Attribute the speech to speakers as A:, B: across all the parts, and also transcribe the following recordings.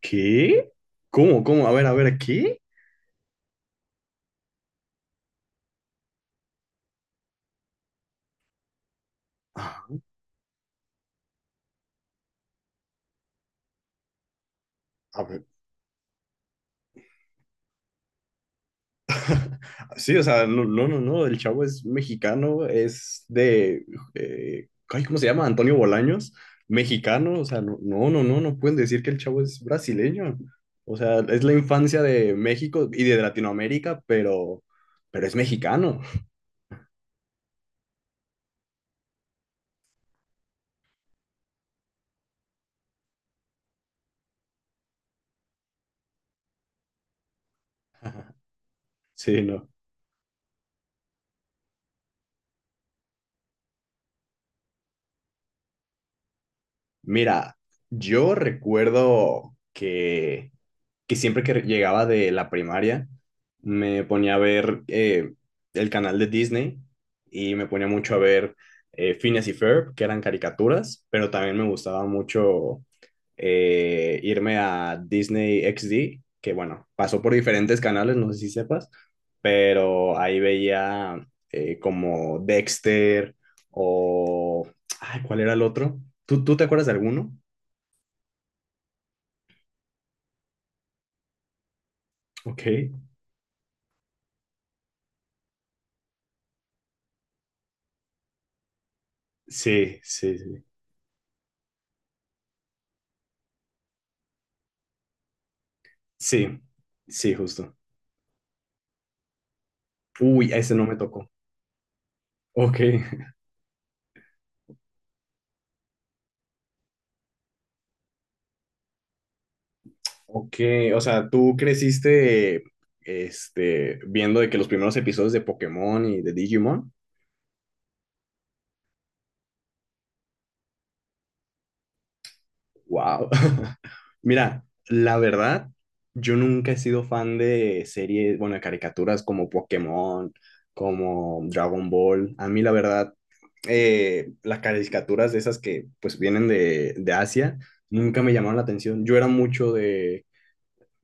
A: ¿Qué? ¿Cómo? ¿Cómo? A ver, ¿qué? Ah. A ver. Sí, o sea, no, no, no, no, el chavo es mexicano, es de, ay, ¿cómo se llama? Antonio Bolaños, mexicano, o sea, no, no, no, no, no pueden decir que el chavo es brasileño. O sea, es la infancia de México y de Latinoamérica, pero es mexicano. Sí, no. Mira, yo recuerdo que siempre que llegaba de la primaria me ponía a ver el canal de Disney y me ponía mucho a ver Phineas y Ferb, que eran caricaturas, pero también me gustaba mucho irme a Disney XD, que bueno, pasó por diferentes canales, no sé si sepas, pero ahí veía como Dexter o. Ay, ¿cuál era el otro? ¿Tú te acuerdas de alguno? Ok, sí, sí, sí. Sí, sí, justo. Uy, a ese no me tocó. Ok. Ok. O sea, tú creciste viendo de que los primeros episodios de Pokémon y de Digimon. Wow. Mira, la verdad, yo nunca he sido fan de series, bueno, de caricaturas como Pokémon, como Dragon Ball. A mí, la verdad, las caricaturas de esas que pues vienen de Asia nunca me llamaron la atención. Yo era mucho de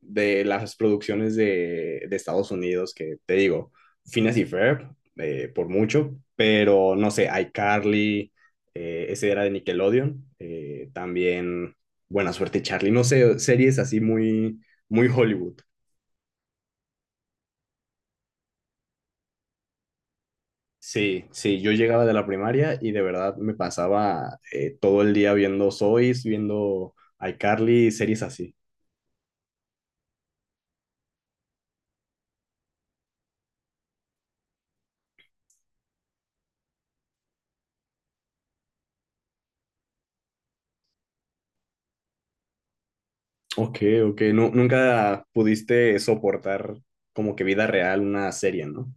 A: de las producciones de Estados Unidos, que te digo, Finas y Ferb, por mucho, pero no sé, iCarly, ese era de Nickelodeon, también Buena Suerte Charlie, no sé, series así muy, muy Hollywood. Sí, sí, yo llegaba de la primaria y de verdad me pasaba todo el día viendo Sois, viendo iCarly, series así. Ok, ok, nunca pudiste soportar como que vida real una serie, ¿no?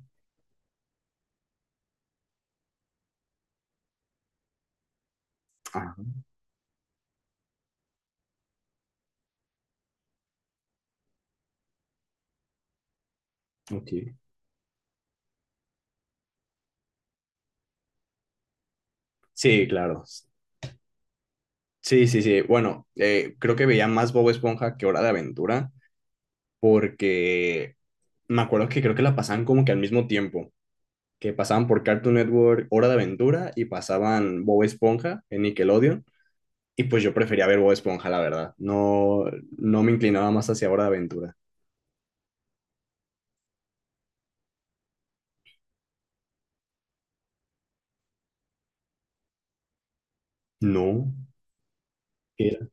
A: Ah. Ok. Sí, claro. Sí, sí, sí. Bueno, creo que veía más Bob Esponja que Hora de Aventura, porque me acuerdo que creo que la pasaban como que al mismo tiempo, que pasaban por Cartoon Network Hora de Aventura y pasaban Bob Esponja en Nickelodeon, y pues yo prefería ver Bob Esponja, la verdad. No, no me inclinaba más hacia Hora de Aventura. No, ¿qué era?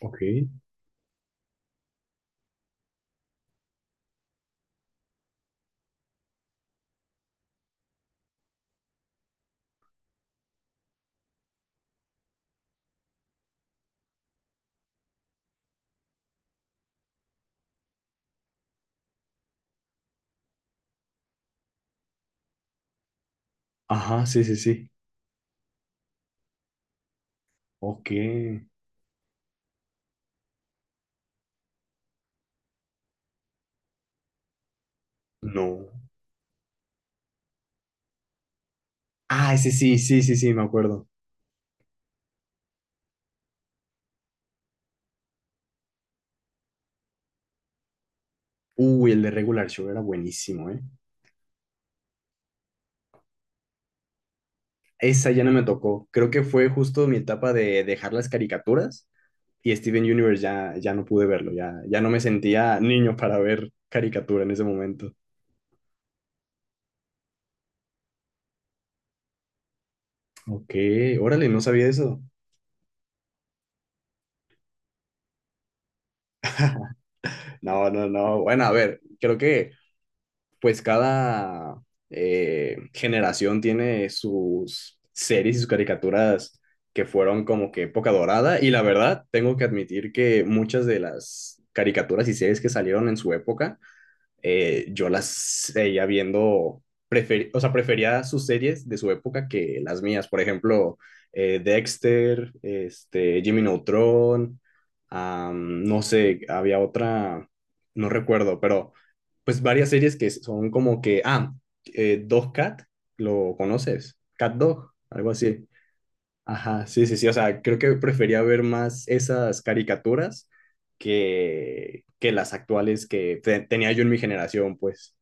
A: Ok. Ajá, sí, sí, sí. Ok. No. Ah, ese sí, sí, sí, sí, me acuerdo. Uy, el de Regular Show era buenísimo, ¿eh? Esa ya no me tocó. Creo que fue justo mi etapa de dejar las caricaturas y Steven Universe ya, ya no pude verlo, ya, ya no me sentía niño para ver caricatura en ese momento. Ok, órale, no sabía eso. No, no, no. Bueno, a ver, creo que pues cada generación tiene sus series y sus caricaturas que fueron como que época dorada y la verdad tengo que admitir que muchas de las caricaturas y series que salieron en su época yo las seguía viendo, o sea, prefería sus series de su época que las mías. Por ejemplo, Dexter, Jimmy Neutron, no sé, había otra, no recuerdo, pero pues varias series que son como que, Dog Cat, ¿lo conoces? Cat Dog, algo así. Ajá, sí, sí, sí, o sea, creo que prefería ver más esas caricaturas que las actuales que tenía yo en mi generación, pues.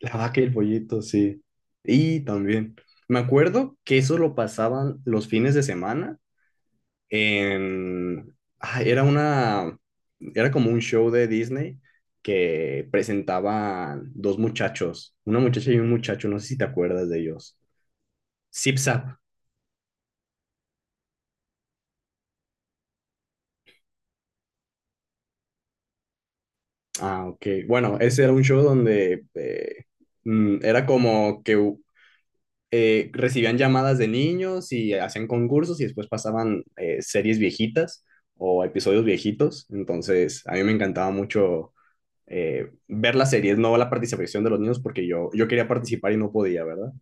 A: La vaca y el pollito, sí. Y también, me acuerdo que eso lo pasaban los fines de semana en. Ah, era una. Era como un show de Disney que presentaban dos muchachos, una muchacha y un muchacho, no sé si te acuerdas de ellos. Zip Zap. Ah, ok. Bueno, ese era un show donde era como que recibían llamadas de niños y hacían concursos y después pasaban series viejitas o episodios viejitos. Entonces, a mí me encantaba mucho ver las series, no la participación de los niños porque yo quería participar y no podía, ¿verdad?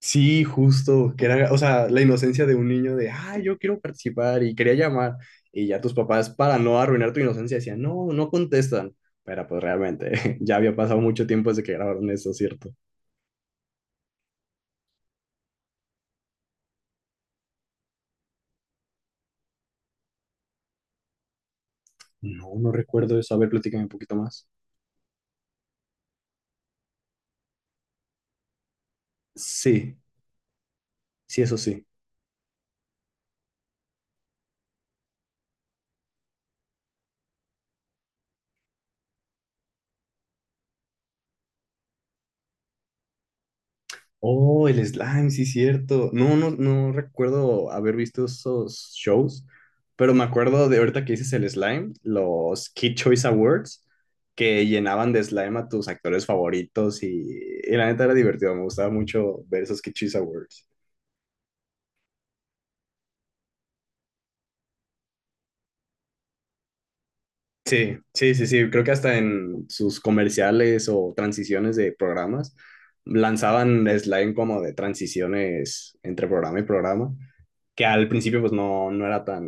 A: Sí, justo, que era, o sea, la inocencia de un niño de, ah, yo quiero participar y quería llamar. Y ya tus papás, para no arruinar tu inocencia, decían, no, no contestan. Pero pues realmente, ya había pasado mucho tiempo desde que grabaron eso, ¿cierto? No, no recuerdo eso. A ver, platícame un poquito más. Sí, sí, eso sí. Oh, el slime, sí, cierto. No, no, no recuerdo haber visto esos shows, pero me acuerdo de ahorita que dices el slime, los Kid Choice Awards, que llenaban de slime a tus actores favoritos y la neta era divertido. Me gustaba mucho ver esos Kid Choice Awards. Sí, sí, sí, sí. Creo que hasta en sus comerciales o transiciones de programas lanzaban slime como de transiciones entre programa y programa, que al principio pues no, no era tan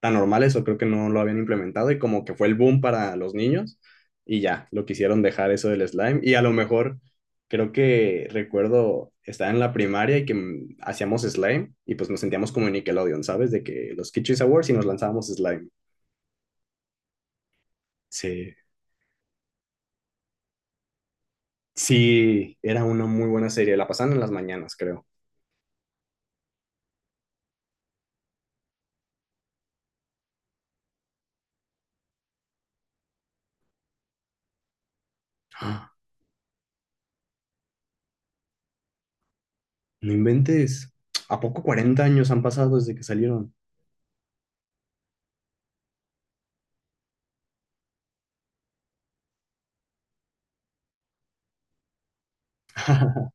A: tan normales o creo que no lo habían implementado y como que fue el boom para los niños y ya, lo quisieron dejar eso del slime y a lo mejor creo que recuerdo estar en la primaria y que hacíamos slime y pues nos sentíamos como en Nickelodeon, ¿sabes? De que los Kitchen Awards y nos lanzábamos slime. Sí. Sí, era una muy buena serie, la pasaban en las mañanas, creo. ¡Ah! No inventes. ¿A poco 40 años han pasado desde que salieron?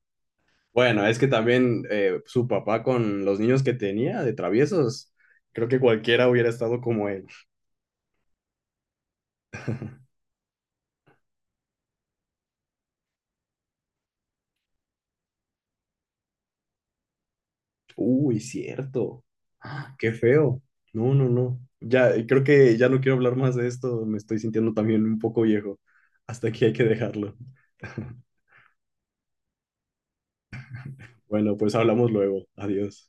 A: Bueno, es que también su papá con los niños que tenía de traviesos, creo que cualquiera hubiera estado como él. Uy, cierto. Ah, qué feo. No, no, no. Ya, creo que ya no quiero hablar más de esto. Me estoy sintiendo también un poco viejo. Hasta aquí hay que dejarlo. Bueno, pues hablamos luego. Adiós.